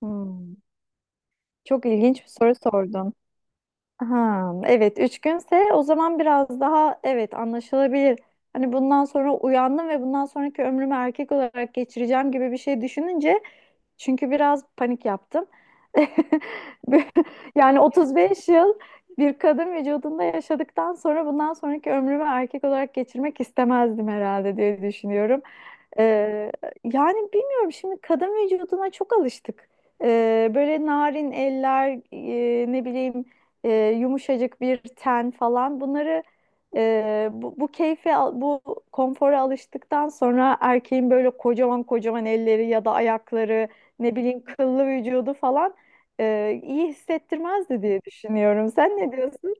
Hmm. Çok ilginç bir soru sordun. Ha, evet 3 günse o zaman biraz daha evet anlaşılabilir. Hani bundan sonra uyandım ve bundan sonraki ömrümü erkek olarak geçireceğim gibi bir şey düşününce çünkü biraz panik yaptım. Yani 35 yıl bir kadın vücudunda yaşadıktan sonra bundan sonraki ömrümü erkek olarak geçirmek istemezdim herhalde diye düşünüyorum. Ee, yani bilmiyorum şimdi kadın vücuduna çok alıştık. Böyle narin eller, ne bileyim, e, yumuşacık bir ten falan. Bunları Bu konfora alıştıktan sonra erkeğin böyle kocaman kocaman elleri ya da ayakları, ne bileyim kıllı vücudu falan iyi hissettirmezdi diye düşünüyorum. Sen ne diyorsun?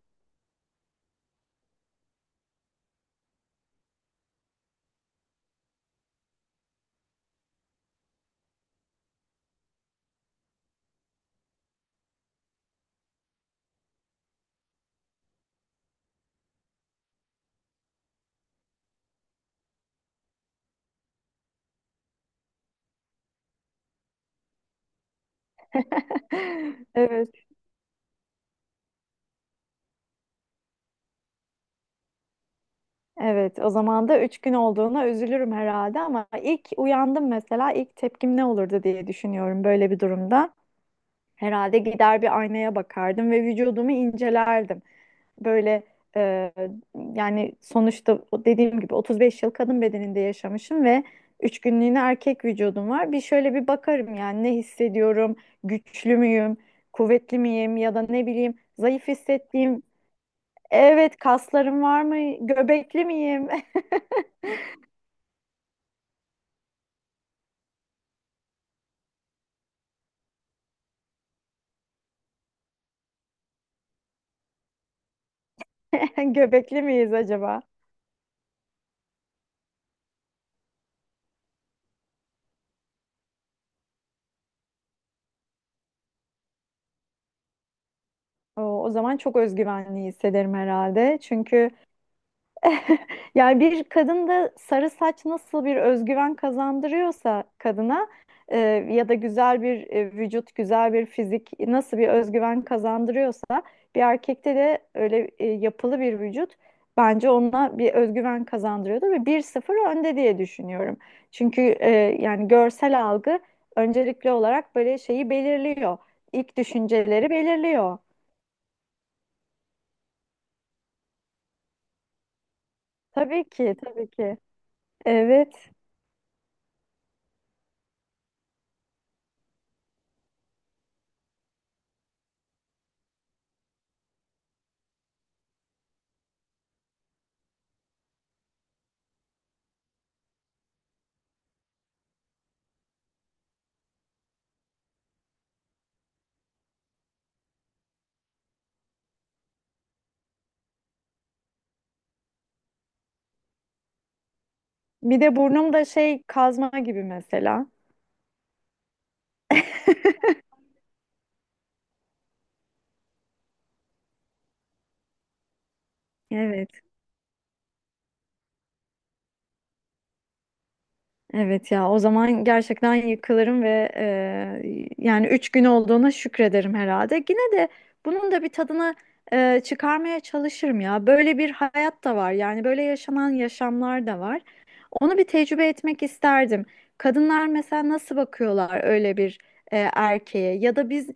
Evet. Evet, o zaman da üç gün olduğuna üzülürüm herhalde ama ilk uyandım mesela ilk tepkim ne olurdu diye düşünüyorum böyle bir durumda. Herhalde gider bir aynaya bakardım ve vücudumu incelerdim. Böyle, e, yani sonuçta o dediğim gibi 35 yıl kadın bedeninde yaşamışım ve üç günlüğüne erkek vücudum var. Bir şöyle bir bakarım yani, ne hissediyorum, güçlü müyüm, kuvvetli miyim ya da ne bileyim zayıf hissettiğim, evet kaslarım var mı, göbekli miyim? Göbekli miyiz acaba? O zaman çok özgüvenli hissederim herhalde. Çünkü... Yani bir kadında sarı saç nasıl bir özgüven kazandırıyorsa kadına, e, ya da güzel bir güzel bir fizik nasıl bir özgüven kazandırıyorsa, bir erkekte de öyle yapılı bir vücut bence ona bir özgüven kazandırıyordu ve bir sıfır önde diye düşünüyorum. Çünkü yani görsel algı öncelikli olarak böyle şeyi belirliyor. İlk düşünceleri belirliyor. Tabii ki, tabii ki. Evet. Bir de burnum da şey kazma gibi mesela. Evet, evet ya, o zaman gerçekten yıkılırım ve yani üç gün olduğuna şükrederim herhalde. Yine de bunun da bir tadını çıkarmaya çalışırım ya. Böyle bir hayat da var, yani böyle yaşanan yaşamlar da var. Onu bir tecrübe etmek isterdim. Kadınlar mesela nasıl bakıyorlar öyle bir erkeğe, ya da biz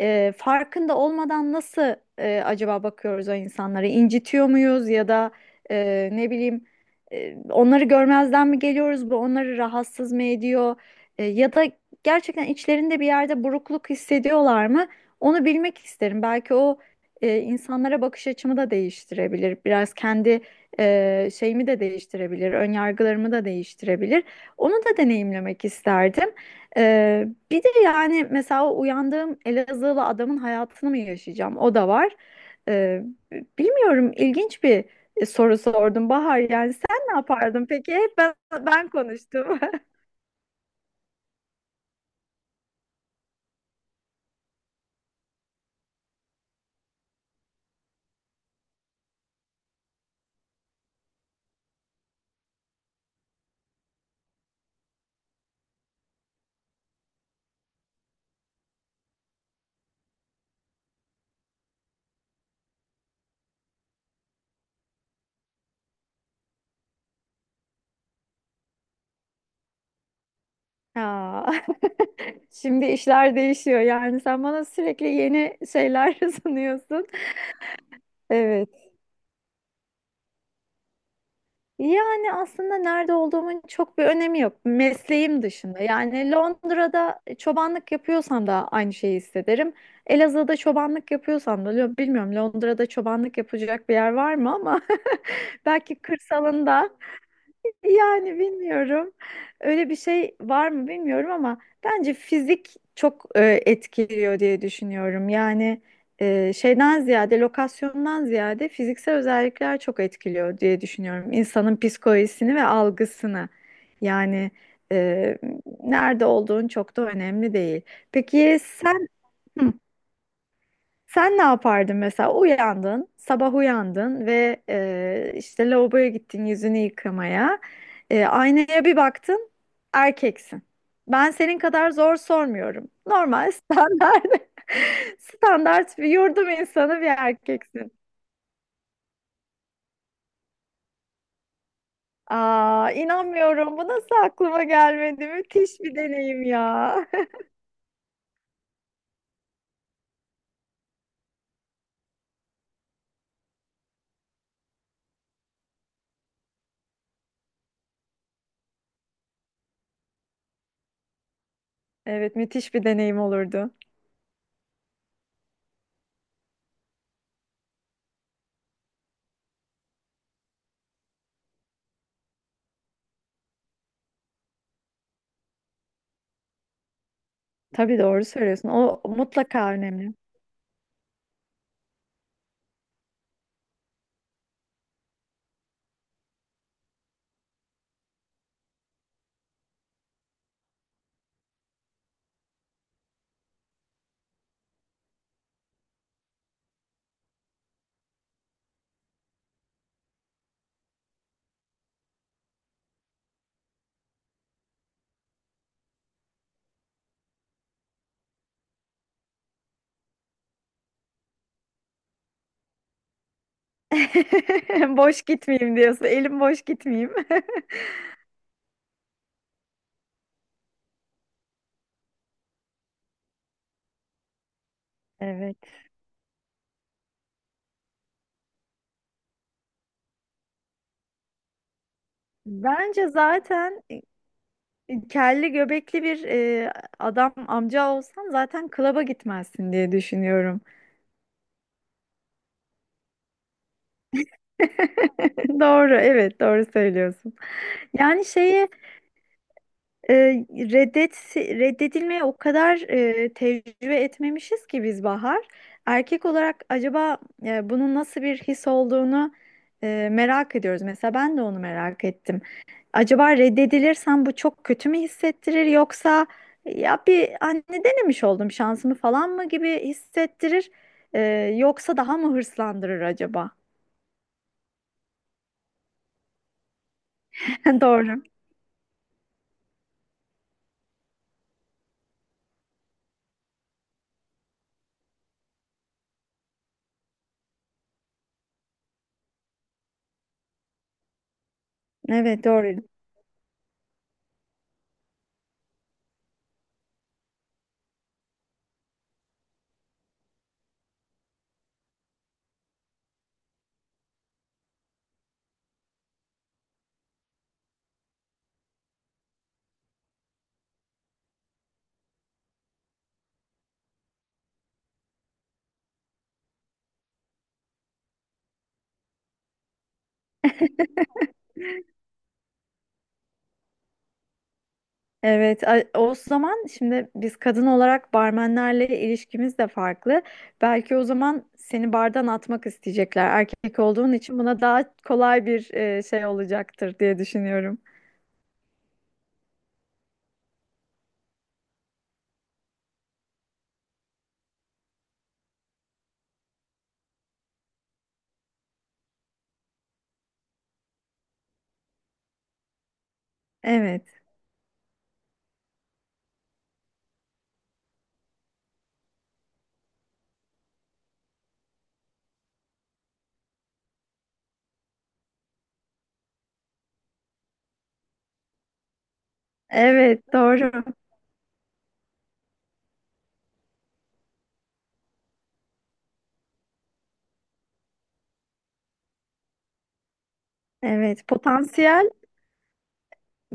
farkında olmadan nasıl, acaba bakıyoruz o insanlara? İncitiyor muyuz ya da, ne bileyim, onları görmezden mi geliyoruz? Bu onları rahatsız mı ediyor? Ya da gerçekten içlerinde bir yerde burukluk hissediyorlar mı? Onu bilmek isterim. Belki o, insanlara bakış açımı da değiştirebilir. Biraz kendi şeyimi de değiştirebilir. Önyargılarımı da değiştirebilir. Onu da deneyimlemek isterdim. Bir de yani mesela, o uyandığım Elazığlı adamın hayatını mı yaşayacağım? O da var. Ee, bilmiyorum, ilginç bir soru sordum Bahar. Yani sen ne yapardın peki? Hep ben konuştum. Ya, şimdi işler değişiyor. Yani sen bana sürekli yeni şeyler sunuyorsun. Evet. Yani aslında nerede olduğumun çok bir önemi yok. Mesleğim dışında. Yani Londra'da çobanlık yapıyorsam da aynı şeyi hissederim. Elazığ'da çobanlık yapıyorsam da, bilmiyorum Londra'da çobanlık yapacak bir yer var mı ama belki kırsalında, yani bilmiyorum. Öyle bir şey var mı bilmiyorum ama bence fizik çok etkiliyor diye düşünüyorum. Yani lokasyondan ziyade fiziksel özellikler çok etkiliyor diye düşünüyorum. İnsanın psikolojisini ve algısını. Yani e, nerede olduğun çok da önemli değil. Peki sen... Hı. Sen ne yapardın mesela? Sabah uyandın ve işte lavaboya gittin yüzünü yıkamaya. Aynaya bir baktın, erkeksin. Ben senin kadar zor sormuyorum. Normal, standart, standart bir yurdum insanı bir erkeksin. Aa, inanmıyorum. Bu nasıl aklıma gelmedi? Müthiş bir deneyim ya. Evet, müthiş bir deneyim olurdu. Tabii, doğru söylüyorsun. O mutlaka önemli. Boş gitmeyeyim diyorsun. Elim boş gitmeyeyim. Evet. Bence zaten kelli göbekli bir adam amca olsan zaten klaba gitmezsin diye düşünüyorum. Doğru, evet doğru söylüyorsun. Yani şeyi, e, reddedilmeye o kadar tecrübe etmemişiz ki biz Bahar. Erkek olarak acaba bunun nasıl bir his olduğunu merak ediyoruz. Mesela ben de onu merak ettim. Acaba reddedilirsem bu çok kötü mü hissettirir, yoksa ya bir anne denemiş oldum şansımı falan mı gibi hissettirir, e, yoksa daha mı hırslandırır acaba? Doğru. Evet, doğru. Evet, o zaman şimdi biz kadın olarak barmenlerle ilişkimiz de farklı. Belki o zaman seni bardan atmak isteyecekler. Erkek olduğun için buna daha kolay bir şey olacaktır diye düşünüyorum. Evet. Evet, doğru. Evet, potansiyel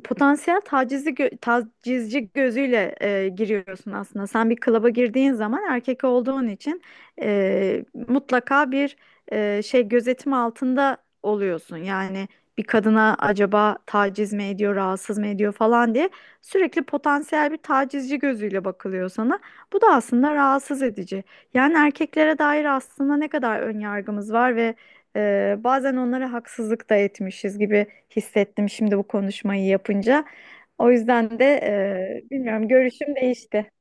potansiyel tacizci, tacizci gözüyle giriyorsun aslında. Sen bir klaba girdiğin zaman erkek olduğun için mutlaka bir şey, gözetim altında oluyorsun. Yani bir kadına acaba taciz mi ediyor, rahatsız mı ediyor falan diye sürekli potansiyel bir tacizci gözüyle bakılıyor sana. Bu da aslında rahatsız edici. Yani erkeklere dair aslında ne kadar ön yargımız var, bazen onlara haksızlık da etmişiz gibi hissettim şimdi bu konuşmayı yapınca. O yüzden de bilmiyorum, görüşüm değişti.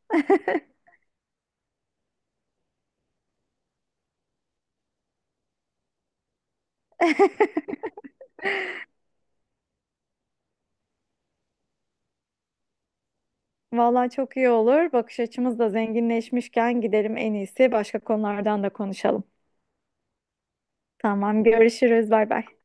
Vallahi çok iyi olur. Bakış açımız da zenginleşmişken gidelim, en iyisi başka konulardan da konuşalım. Tamam, görüşürüz. Bay bay.